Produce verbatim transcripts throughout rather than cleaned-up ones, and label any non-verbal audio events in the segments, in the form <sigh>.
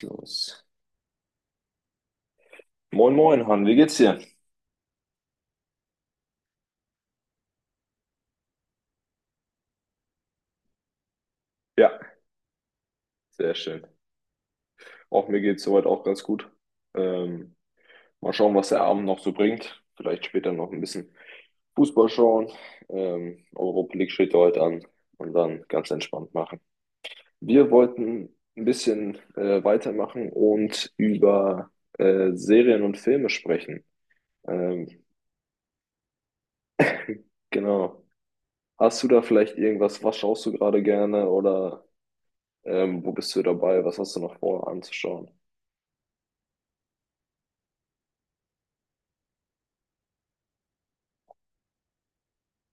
Los. Moin, moin, Han, wie geht's dir? Ja, sehr schön. Auch mir geht's soweit auch ganz gut. Ähm, Mal schauen, was der Abend noch so bringt. Vielleicht später noch ein bisschen Fußball schauen. Ähm, Europa League steht ja heute an und dann ganz entspannt machen. Wir wollten ein bisschen äh, weitermachen und über äh, Serien und Filme sprechen. Ähm, genau. Hast du da vielleicht irgendwas? Was schaust du gerade gerne oder ähm, wo bist du dabei? Was hast du noch vor anzuschauen?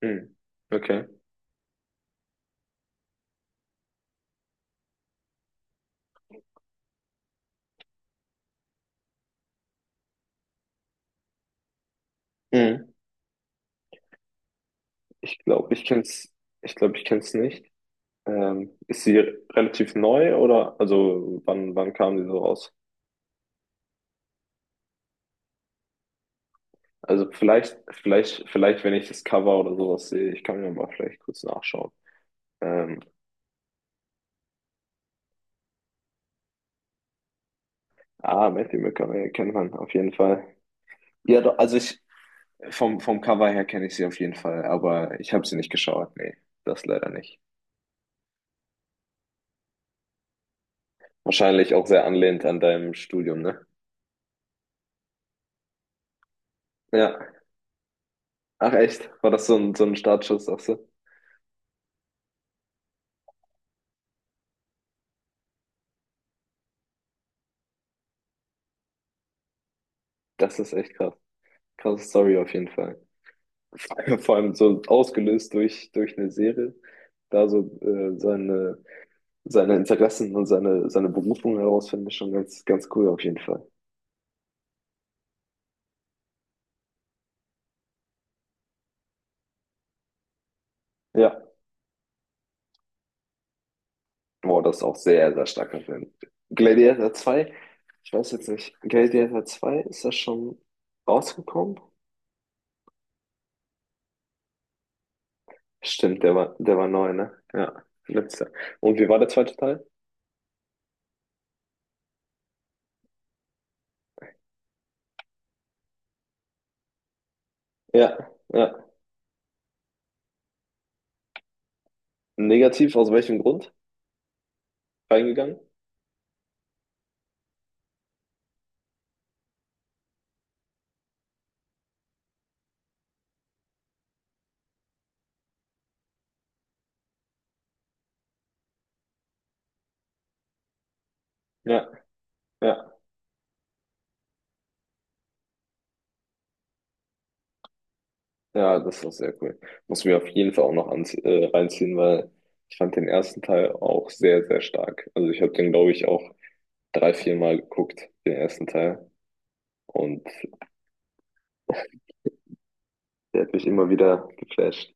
Hm. Okay. Hm. Ich glaube, ich kenn's, ich glaube, ich kenn's nicht. Ähm, ist sie relativ neu oder also wann wann kam sie so raus? Also vielleicht, vielleicht, vielleicht, wenn ich das Cover oder sowas sehe, ich kann mir mal vielleicht kurz nachschauen. Ähm, ah, Matthew McConaughey kennt man auf jeden Fall. Ja, doch, also ich vom, vom Cover her kenne ich sie auf jeden Fall, aber ich habe sie nicht geschaut. Nee, das leider nicht. Wahrscheinlich auch sehr anlehnt an deinem Studium, ne? Ja. Ach echt? War das so ein, so ein Startschuss, sagst du? Das ist echt krass. Krasse Story auf jeden Fall. <laughs> Vor allem so ausgelöst durch, durch eine Serie, da so äh, seine, seine Interessen und seine, seine Berufung herausfinden, ist schon ganz, ganz cool auf jeden Fall. Ja, boah, das ist auch sehr, sehr starker Film. Gladiator zwei, ich weiß jetzt nicht, Gladiator zwei, ist das schon rausgekommen? Stimmt, der war, der war neu, ne? Ja, letzter. Und wie war der zweite Teil? Ja, ja. Negativ, aus welchem Grund? Reingegangen? Ja, ja. Ja, das war sehr cool. Muss mir auf jeden Fall auch noch anzie äh, reinziehen, weil ich fand den ersten Teil auch sehr, sehr stark. Also ich habe den, glaube ich, auch drei, vier Mal geguckt, den ersten Teil. Und der hat mich immer wieder geflasht.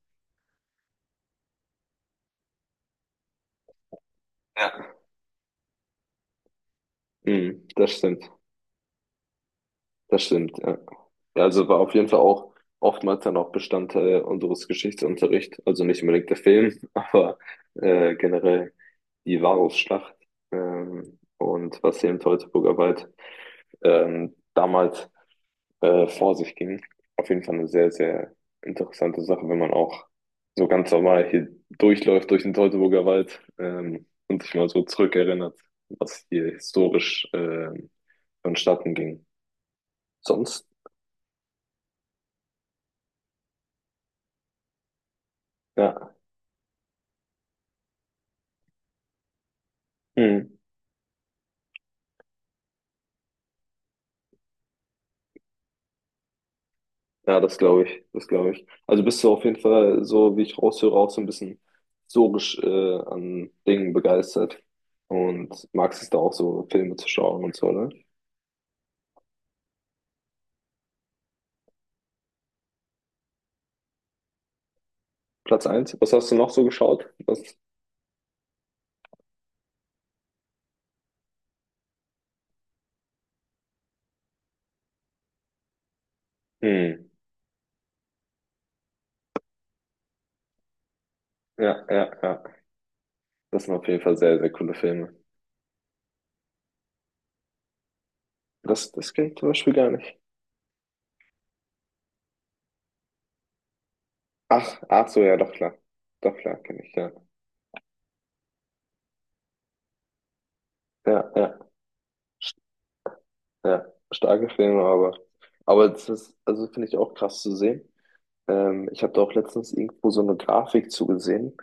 Ja. Mhm, das stimmt. Das stimmt, ja. Ja, also war auf jeden Fall auch oftmals dann auch Bestandteil unseres Geschichtsunterrichts. Also nicht unbedingt der Film, <laughs> aber äh, generell die Varusschlacht ähm, und was hier im Teutoburger Wald ähm, damals äh, vor sich ging. Auf jeden Fall eine sehr, sehr interessante Sache, wenn man auch so ganz normal hier durchläuft durch den Teutoburger Wald ähm, und sich mal so zurückerinnert, was hier historisch äh, vonstatten ging. Sonst, ja, hm. Ja, das glaube ich, das glaube ich. Also bist du auf jeden Fall so, wie ich raushöre, auch so ein bisschen historisch äh, an Dingen begeistert und magst es da auch so Filme zu schauen und so, ne? Platz eins, was hast du noch so geschaut? Was? Hm. Ja, ja, ja. Das sind auf jeden Fall sehr, sehr coole Filme. Das, das kenne ich zum Beispiel gar nicht. Ach, ach so, ja, doch klar. Doch klar, kenne ich, ja. Ja, ja, ja. Starke Filme, aber, aber das ist, also finde ich auch krass zu sehen. Ähm, ich habe da auch letztens irgendwo so eine Grafik zugesehen.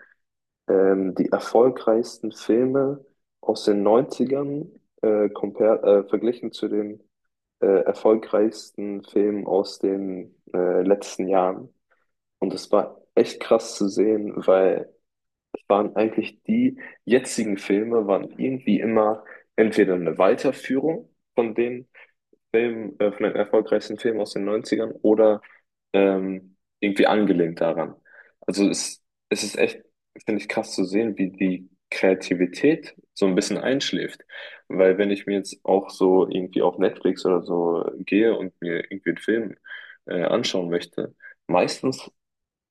Ähm, die erfolgreichsten Filme aus den Neunzigern äh, compare, äh, verglichen zu den äh, erfolgreichsten Filmen aus den äh, letzten Jahren. Und das war echt krass zu sehen, weil waren eigentlich die jetzigen Filme, waren irgendwie immer entweder eine Weiterführung von den Filmen, äh, von den erfolgreichsten Filmen aus den Neunzigern oder ähm, irgendwie angelehnt daran. Also es, es ist echt, finde ich, krass zu sehen, wie die Kreativität so ein bisschen einschläft. Weil wenn ich mir jetzt auch so irgendwie auf Netflix oder so gehe und mir irgendwie einen Film äh, anschauen möchte, meistens,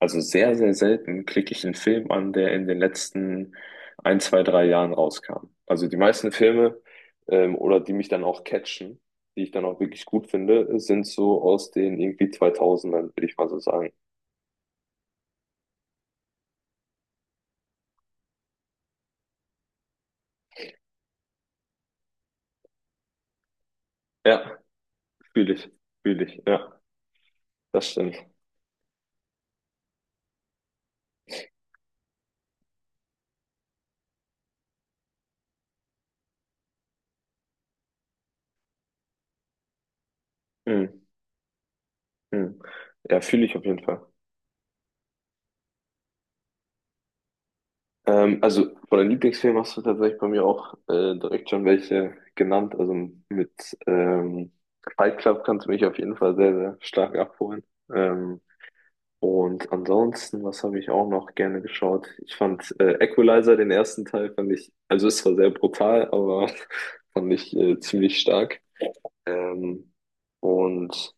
also sehr, sehr selten klicke ich einen Film an, der in den letzten ein, zwei, drei Jahren rauskam. Also die meisten Filme, ähm, oder die mich dann auch catchen, die ich dann auch wirklich gut finde, sind so aus den irgendwie zweitausendern, würde ich mal so sagen. Ja, fühle ich, fühle ich, ja, das stimmt. Mhm. Mhm. Ja, fühle ich auf jeden Fall. Ähm, also von den Lieblingsfilmen hast du tatsächlich bei mir auch äh, direkt schon welche genannt. Also mit ähm, Fight Club kannst du mich auf jeden Fall sehr, sehr stark abholen. Ähm, und ansonsten, was habe ich auch noch gerne geschaut? Ich fand äh, Equalizer, den ersten Teil, fand ich, also ist zwar sehr brutal, aber <laughs> fand ich äh, ziemlich stark. Ähm, und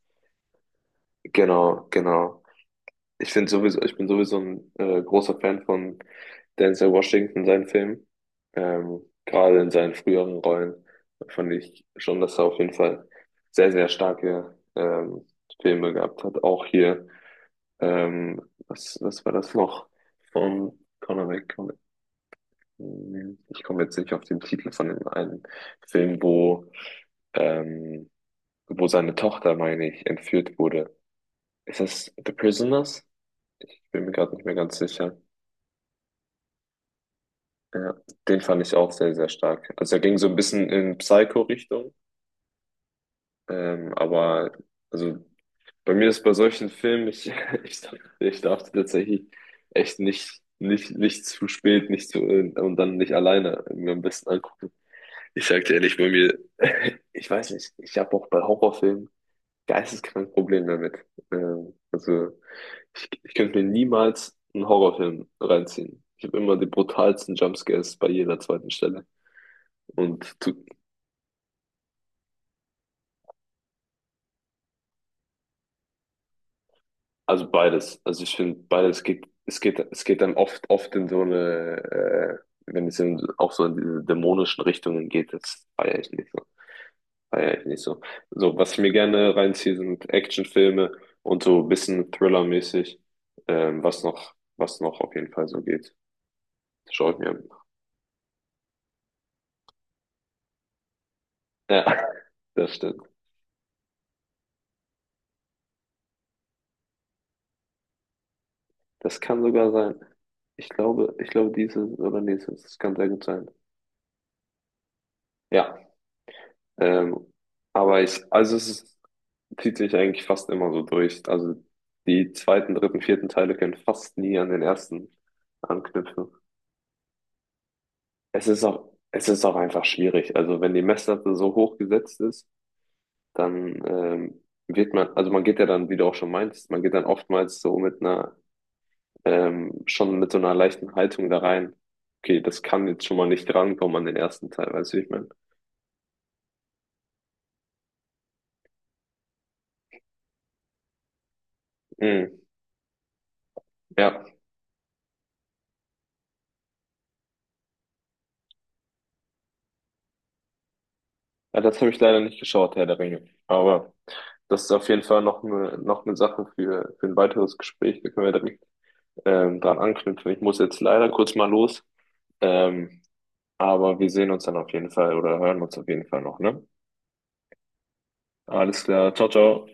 genau, genau. Ich finde sowieso, ich bin sowieso ein äh, großer Fan von Denzel Washington, seinen Filmen. Ähm, gerade in seinen früheren Rollen fand ich schon, dass er auf jeden Fall sehr, sehr starke ähm, Filme gehabt hat. Auch hier, ähm, was, was war das noch? Von Conor McGregor. Ich komme jetzt nicht auf den Titel von dem einen Film, wo, ähm, wo seine Tochter, meine ich, entführt wurde. Ist das The Prisoners? Ich bin mir gerade nicht mehr ganz sicher. Ja, den fand ich auch sehr, sehr stark. Also er ging so ein bisschen in Psycho-Richtung, ähm, aber also bei mir ist bei solchen Filmen, ich, <laughs> ich, darf- ich darf tatsächlich echt nicht, nicht, nicht zu spät, nicht zu, äh, und dann nicht alleine mir am besten angucken. Ich sag dir ehrlich, bei mir, <laughs> ich weiß nicht, ich habe auch bei Horrorfilmen geisteskrank Probleme damit. Ähm, also ich, ich könnte mir niemals einen Horrorfilm reinziehen. Ich habe immer die brutalsten Jumpscares bei jeder zweiten Stelle. Und du, also beides. Also ich finde beides geht, es geht, es geht dann oft, oft in so eine, äh, wenn es in, auch so in diese dämonischen Richtungen geht, das feiere ich nicht so. Feiere ich nicht so. So, was ich mir gerne reinziehe, sind Actionfilme und so ein bisschen Thriller-mäßig, ähm, was noch, was noch auf jeden Fall so geht. Das schaue ich mir an. Ja, <laughs> das stimmt. Das kann sogar sein. Ich glaube, ich glaube, dieses oder nächstes, das kann sehr gut sein. Ja, ähm, aber ich, also es ist, zieht sich eigentlich fast immer so durch. Also die zweiten, dritten, vierten Teile können fast nie an den ersten anknüpfen. Es ist auch, es ist auch einfach schwierig. Also wenn die Messlatte so hoch gesetzt ist, dann ähm, wird man, also man geht ja dann, wie du auch schon meinst, man geht dann oftmals so mit einer, ähm, schon mit so einer leichten Haltung da rein. Okay, das kann jetzt schon mal nicht rankommen an den ersten Teil, weißt du, wie ich meine? Mhm. Ja. Ja, das habe ich leider nicht geschaut, Herr der Ringe. Aber das ist auf jeden Fall noch eine, noch eine Sache für, für ein weiteres Gespräch. Da können wir direkt ähm, dran anknüpfen. Ich muss jetzt leider kurz mal los. Ähm, aber wir sehen uns dann auf jeden Fall oder hören uns auf jeden Fall noch, ne? Alles klar. Ciao, ciao.